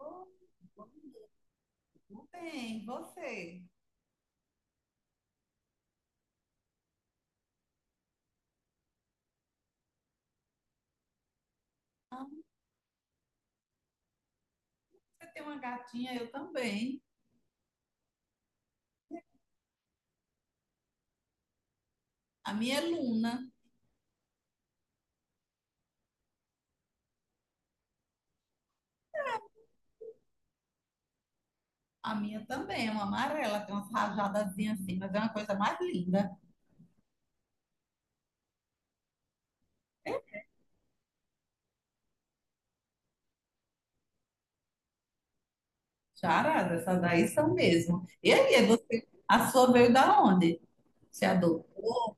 Oh, bom dia. Tudo bem, e você? Ah, você tem uma gatinha, eu também. A minha é Luna. A minha também é uma amarela, tem umas rajadazinhas assim, mas é uma coisa mais linda. Charada, essas daí são mesmo. E aí, é você, a sua veio da onde? Você adotou?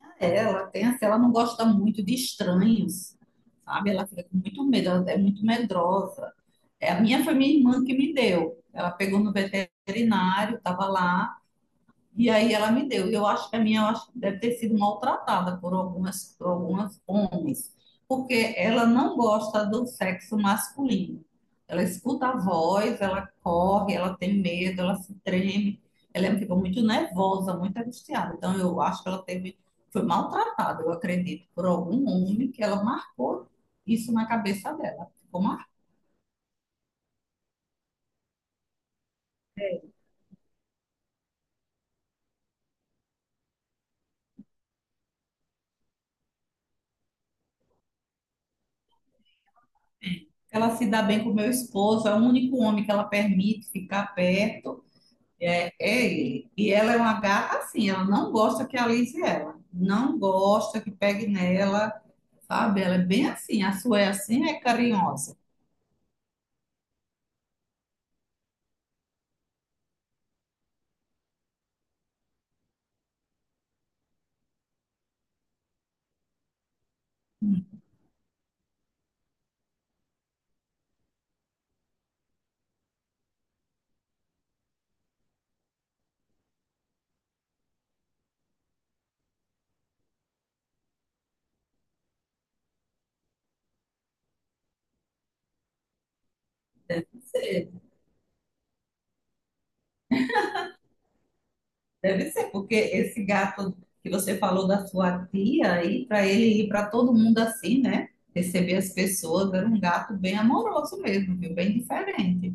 Ah, é, ela tem assim, ela não gosta muito de estranhos, sabe? Ela fica com muito medo, ela é muito medrosa. É, a minha foi minha irmã que me deu. Ela pegou no veterinário, estava lá. E aí ela me deu. E eu acho que a minha eu acho que deve ter sido maltratada por algumas homens, porque ela não gosta do sexo masculino. Ela escuta a voz, ela corre, ela tem medo, ela se treme, ela fica muito nervosa, muito angustiada. Então eu acho que ela teve, foi maltratada, eu acredito, por algum homem que ela marcou isso na cabeça dela. Ficou marcada. Ela se dá bem com o meu esposo, é o único homem que ela permite ficar perto. É, é ele. E ela é uma gata assim, ela não gosta que alise ela. Não gosta que pegue nela, sabe? Ela é bem assim, a sua é assim, é carinhosa. Deve ser, deve ser, porque esse gato que você falou da sua tia aí, para ele ir para todo mundo assim, né? Receber as pessoas, era um gato bem amoroso mesmo, viu? Bem diferente.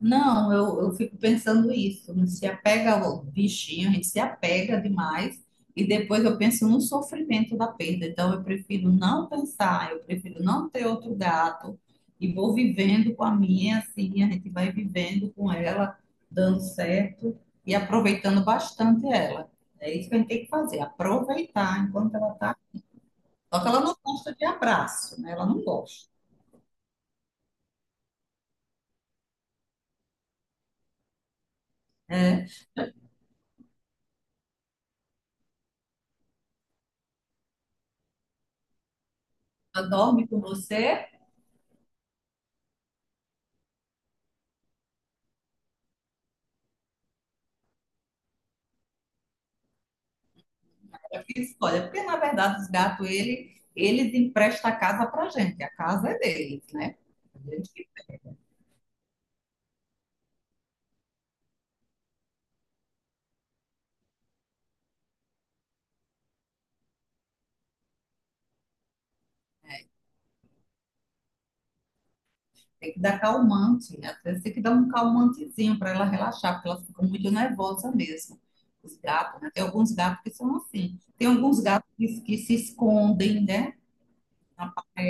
Não, eu fico pensando isso. Não se apega ao bichinho, a gente se apega demais e depois eu penso no sofrimento da perda. Então eu prefiro não pensar, eu prefiro não ter outro gato e vou vivendo com a minha, assim, a gente vai vivendo com ela, dando certo e aproveitando bastante ela. É isso que a gente tem que fazer, aproveitar enquanto ela está. Só que ela não gosta de abraço, né? Ela não gosta. É, ela dorme com você. Eu fiz, olha, porque na verdade os gatos, eles emprestam a casa pra gente, a casa é deles, né? A gente que tem que dar calmante, né? Às vezes tem que dar um calmantezinho para ela relaxar, porque elas ficam muito nervosas mesmo. Os gatos, né? Tem alguns gatos que são assim. Tem alguns gatos que se escondem, né? Na parede.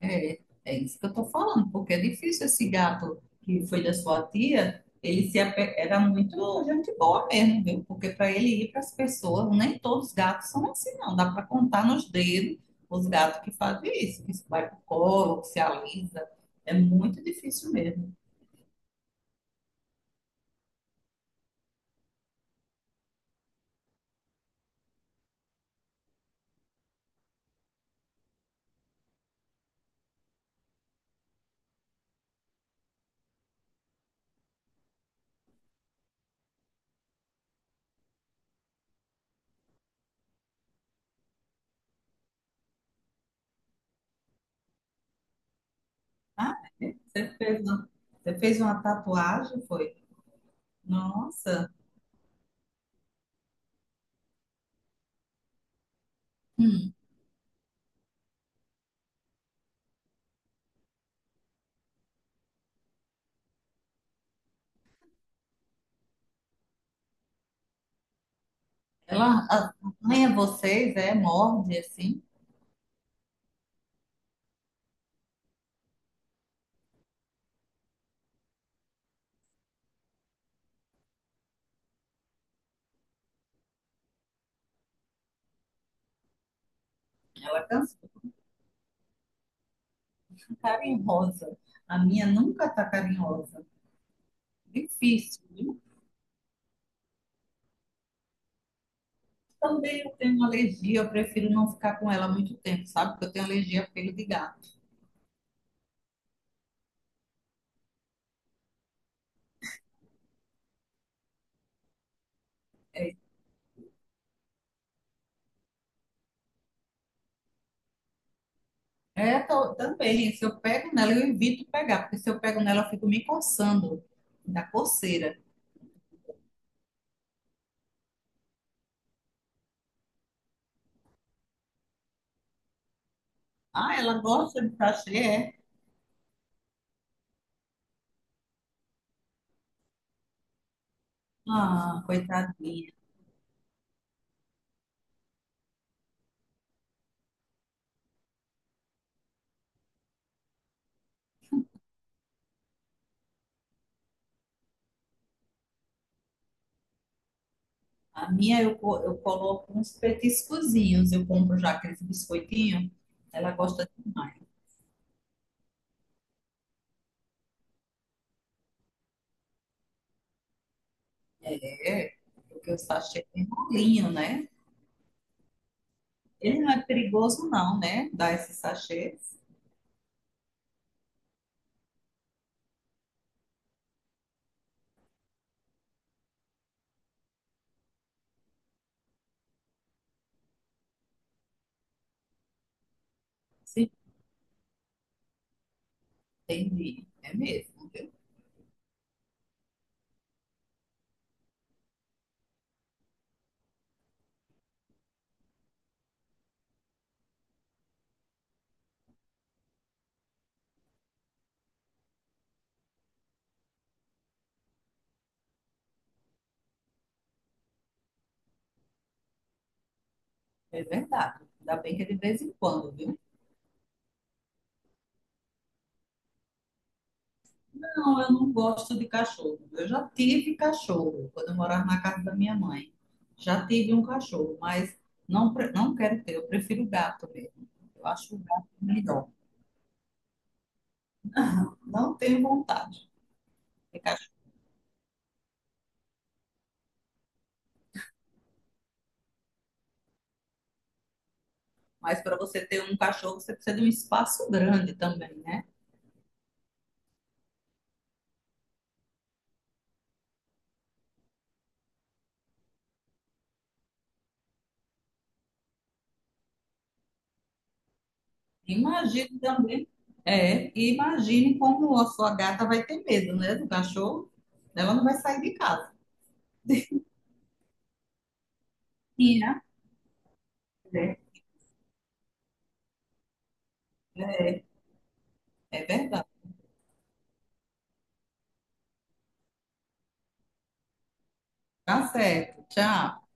É, é isso que eu tô falando, porque é difícil esse gato que foi da sua tia, ele se ape- era muito gente boa mesmo, viu? Porque para ele ir para as pessoas, nem todos os gatos são assim, não. Dá para contar nos dedos os gatos que fazem isso, que vai pro colo, que se alisa. É muito difícil mesmo. Ah, é? Você fez uma tatuagem, foi? Nossa. Hum. Ela arranha vocês, é, morde assim. Ela cansa. Carinhosa. A minha nunca está carinhosa. Difícil, viu? Também eu tenho uma alergia, eu prefiro não ficar com ela muito tempo, sabe? Porque eu tenho alergia a pelo de gato. É, também, se eu pego nela, eu evito pegar, porque se eu pego nela, eu fico me coçando da coceira. Ah, ela gosta de sachê, é? Ah, coitadinha. A minha eu, co- eu coloco uns petiscozinhos, eu compro já aqueles biscoitinhos, ela gosta demais. É, porque o sachê tem molinho, né? Ele não é perigoso, não, né? Dar esses sachês. Sim. Entendi. É mesmo, viu? É verdade. Ainda bem que é de vez em quando, viu? Não, eu não gosto de cachorro. Eu já tive cachorro quando eu morava na casa da minha mãe. Já tive um cachorro, mas não, não quero ter. Eu prefiro gato mesmo. Eu acho o gato melhor. Não tenho vontade de cachorro. Mas para você ter um cachorro, você precisa de um espaço grande também, né? Imagine também, é, e imagine como a sua gata vai ter medo, né, do cachorro. Ela não vai sair de casa. Sim, né? É, é verdade. Tá certo. Tchau.